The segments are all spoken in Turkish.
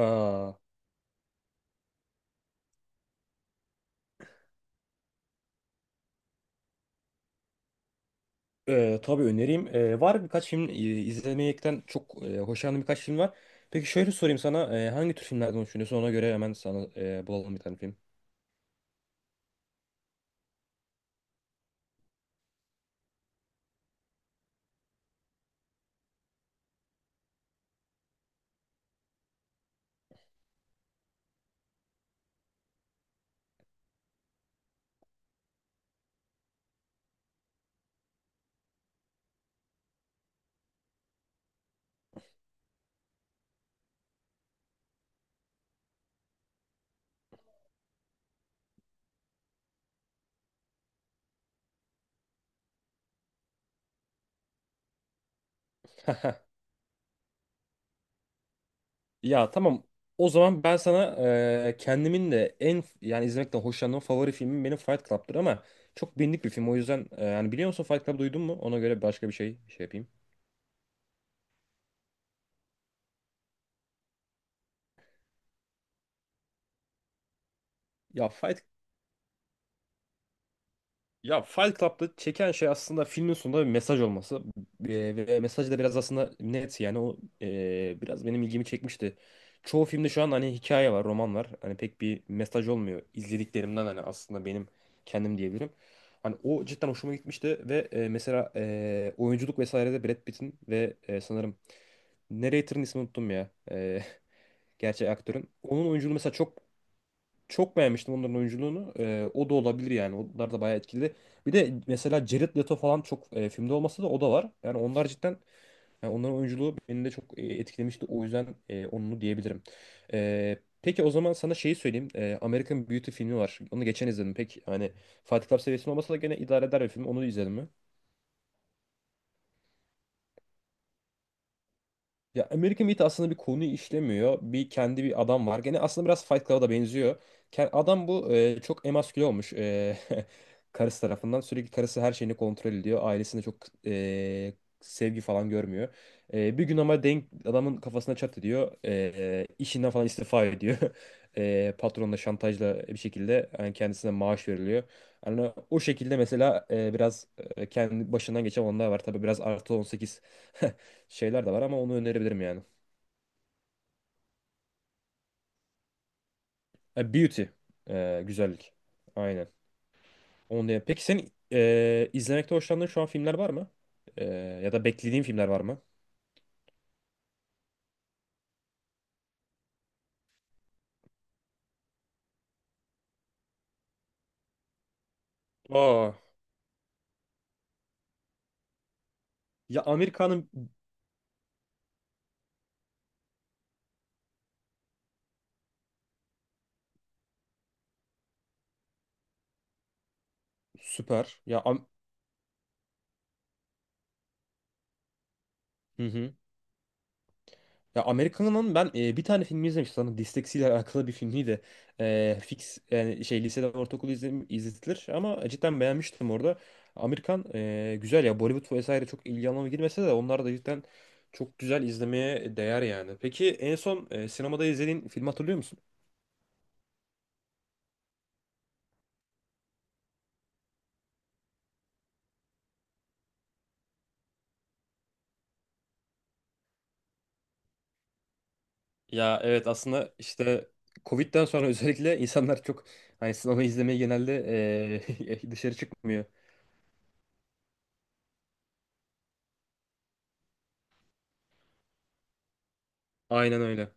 Aa, tabii önereyim. Var birkaç film izlemekten çok hoşlandığım birkaç film var. Peki şöyle sorayım sana, hangi tür filmlerden hoşlanıyorsun? Ona göre hemen sana bulalım bir tane film. Ya tamam. O zaman ben sana kendimin de en, yani izlemekten hoşlandığım favori filmim benim Fight Club'tır ama çok bilindik bir film. O yüzden, yani biliyor musun, Fight Club duydun mu? Ona göre başka bir şey yapayım. Ya Fight Ya Fight Club'da çeken şey aslında filmin sonunda bir mesaj olması. Ve mesaj da biraz aslında net, yani o biraz benim ilgimi çekmişti. Çoğu filmde şu an hani hikaye var, roman var. Hani pek bir mesaj olmuyor. İzlediklerimden hani aslında benim kendim diyebilirim. Hani o cidden hoşuma gitmişti ve mesela oyunculuk vesairede Brad Pitt'in ve sanırım narrator'ın ismini unuttum ya. Gerçek aktörün. Onun oyunculuğu mesela çok çok beğenmiştim, onların oyunculuğunu. O da olabilir yani. Onlar da bayağı etkili. Bir de mesela Jared Leto falan, çok filmde olmasa da o da var. Yani onlar cidden, yani onların oyunculuğu beni de çok etkilemişti. O yüzden onu diyebilirim. Peki o zaman sana şeyi söyleyeyim. American Beauty filmi var. Onu geçen izledim. Pek hani Fight Club seviyesinde olmasa da gene idare eder bir film. Onu izledim mi? Ya American Meat aslında bir konuyu işlemiyor. Bir kendi bir adam var. Gene aslında biraz Fight Club'a da benziyor. Adam bu çok emasküle olmuş, karısı tarafından. Sürekli karısı her şeyini kontrol ediyor. Ailesinde çok e, sevgi falan görmüyor. E, bir gün ama denk adamın kafasına çat ediyor. E, işinden falan istifa ediyor. E, patronla şantajla bir şekilde yani kendisine maaş veriliyor. Yani o şekilde mesela biraz kendi başından geçen olanlar var. Tabii biraz artı 18 şeyler de var, ama onu önerebilirim yani. E, Beauty. E, güzellik. Aynen. Peki senin izlemekte hoşlandığın şu an filmler var mı? E, Ya da beklediğin filmler var mı? Aa. Ya Amerika'nın Süper. Hı hı. Ya Amerikan'ın ben bir tane filmi izlemiştim. Sanırım disleksiyle alakalı bir filmiydi. E, fix yani şey lisede ortaokul izletilir ama cidden beğenmiştim orada. Amerikan güzel ya, Bollywood vesaire çok ilgi alanıma girmese de onlar da cidden çok güzel, izlemeye değer yani. Peki en son sinemada izlediğin filmi hatırlıyor musun? Ya evet, aslında işte Covid'den sonra özellikle insanlar çok hani sinema izlemeye genelde dışarı çıkmıyor. Aynen öyle.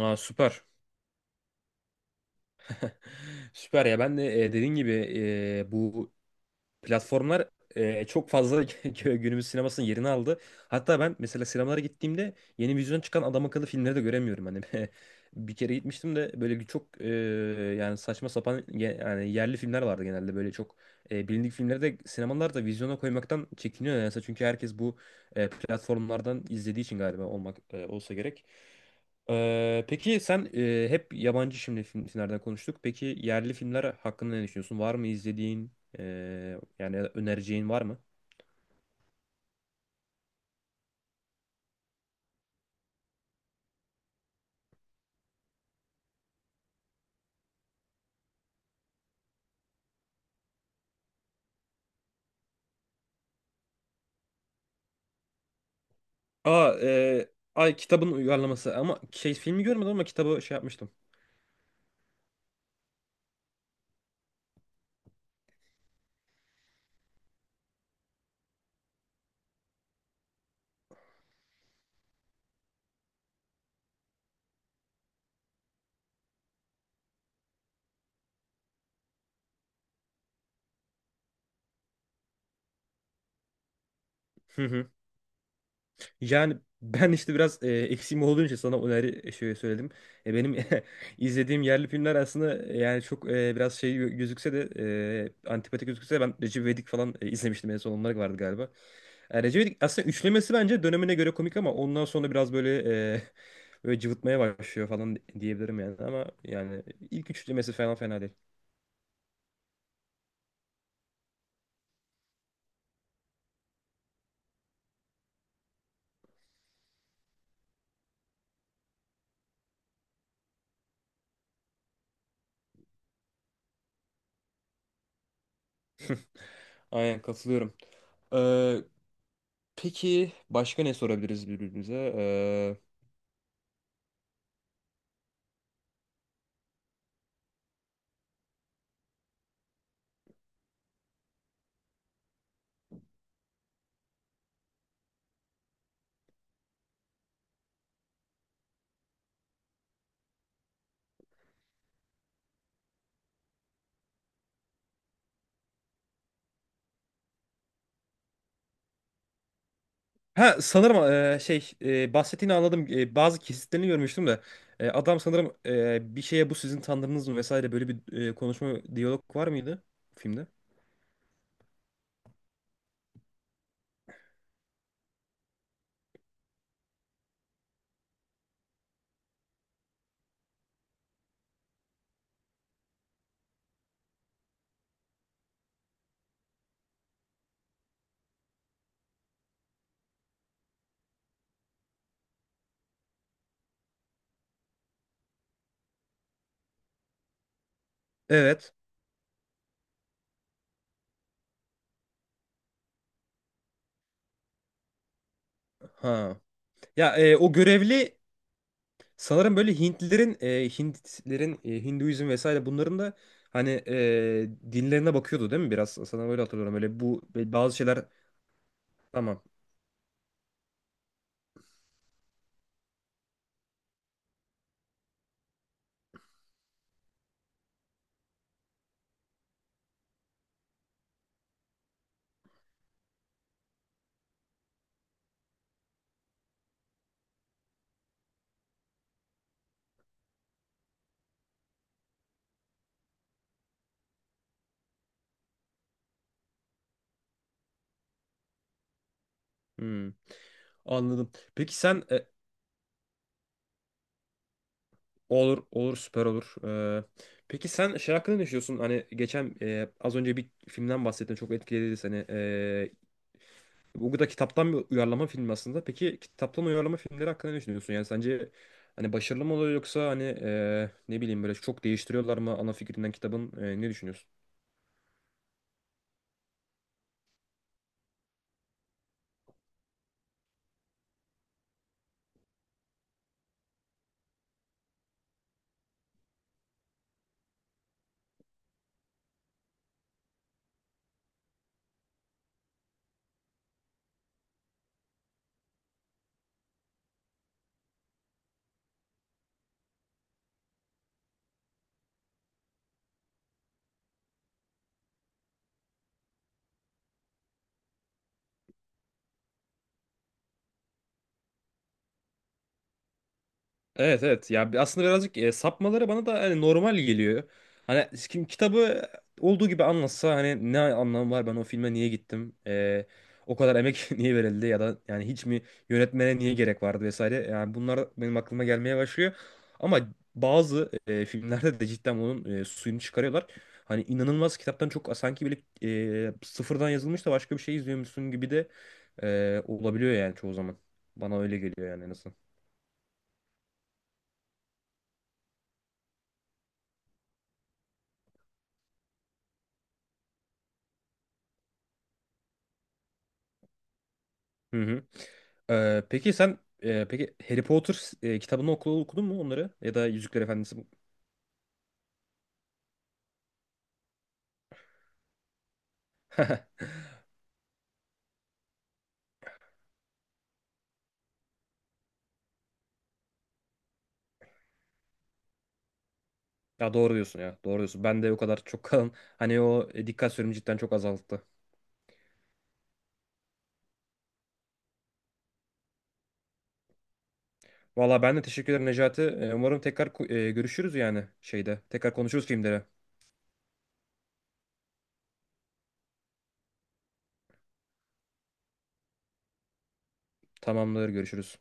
Aa, süper. Süper ya, ben de dediğin gibi bu platformlar çok fazla günümüz sinemasının yerini aldı. Hatta ben mesela sinemalara gittiğimde yeni vizyona çıkan adam akıllı filmleri de göremiyorum. Hani bir kere gitmiştim de böyle bir çok yani saçma sapan yani yerli filmler vardı genelde. Böyle çok bilindik filmleri de sinemalar da vizyona koymaktan çekiniyor. Yani çünkü herkes bu platformlardan izlediği için galiba olsa gerek. Peki sen, hep yabancı şimdi filmlerden konuştuk. Peki yerli filmler hakkında ne düşünüyorsun? Var mı izlediğin? Yani önereceğin var mı? Aa, ay, kitabın uyarlaması ama şey filmi görmedim ama kitabı şey yapmıştım. Hı hı. Yani ben işte biraz eksiğim olduğu için sana öneri şey söyledim. E, benim izlediğim yerli filmler aslında, yani çok biraz şey gözükse de, antipatik gözükse de, ben Recep İvedik falan izlemiştim, en son onlar vardı galiba. E, Recep İvedik aslında üçlemesi bence dönemine göre komik, ama ondan sonra biraz böyle e, böyle cıvıtmaya başlıyor falan diyebilirim yani, ama yani ilk üçlemesi falan fena değil. Aynen, katılıyorum. Ee, peki başka ne sorabiliriz birbirimize? Ha sanırım bahsettiğini anladım. E, bazı kesitlerini görmüştüm de, e, adam sanırım, bir şeye, bu sizin tanrınız mı vesaire, böyle bir konuşma diyalog var mıydı filmde? Evet. Ha. Ya o görevli sanırım böyle Hintlilerin, Hintlerin, Hinduizm vesaire bunların da hani dinlerine bakıyordu değil mi biraz? Sana böyle hatırlıyorum. Öyle bu, böyle bazı şeyler tamam. Hmm, anladım. Peki sen, olur olur, süper olur. E, peki sen şey hakkında ne düşünüyorsun? Hani geçen az önce bir filmden bahsettin, çok etkiledi seni. E, bu da kitaptan bir uyarlama film aslında. Peki kitaptan uyarlama filmleri hakkında ne düşünüyorsun? Yani sence hani başarılı mı oluyor, yoksa hani, ne bileyim, böyle çok değiştiriyorlar mı ana fikrinden kitabın? E, ne düşünüyorsun? Evet evet, ya aslında birazcık sapmaları bana da hani normal geliyor. Hani kim kitabı olduğu gibi anlatsa, hani ne anlamı var, ben o filme niye gittim? E, o kadar emek niye verildi, ya da yani hiç mi yönetmene niye gerek vardı vesaire. Yani bunlar benim aklıma gelmeye başlıyor. Ama bazı filmlerde de cidden onun suyunu çıkarıyorlar. Hani inanılmaz, kitaptan çok sanki bile sıfırdan yazılmış da başka bir şey izliyormuşsun gibi de olabiliyor yani çoğu zaman. Bana öyle geliyor yani, en azından. Hı hı. Peki sen, peki Harry Potter, kitabını okudun mu onları? Ya da Yüzükler Efendisi mi? Ya doğru diyorsun ya. Doğru diyorsun. Ben de o kadar çok kalan hani o dikkat süremi cidden çok azalttı. Valla ben de teşekkür ederim Necati. E, umarım tekrar görüşürüz yani şeyde. Tekrar konuşuruz filmlere. Tamamdır, görüşürüz.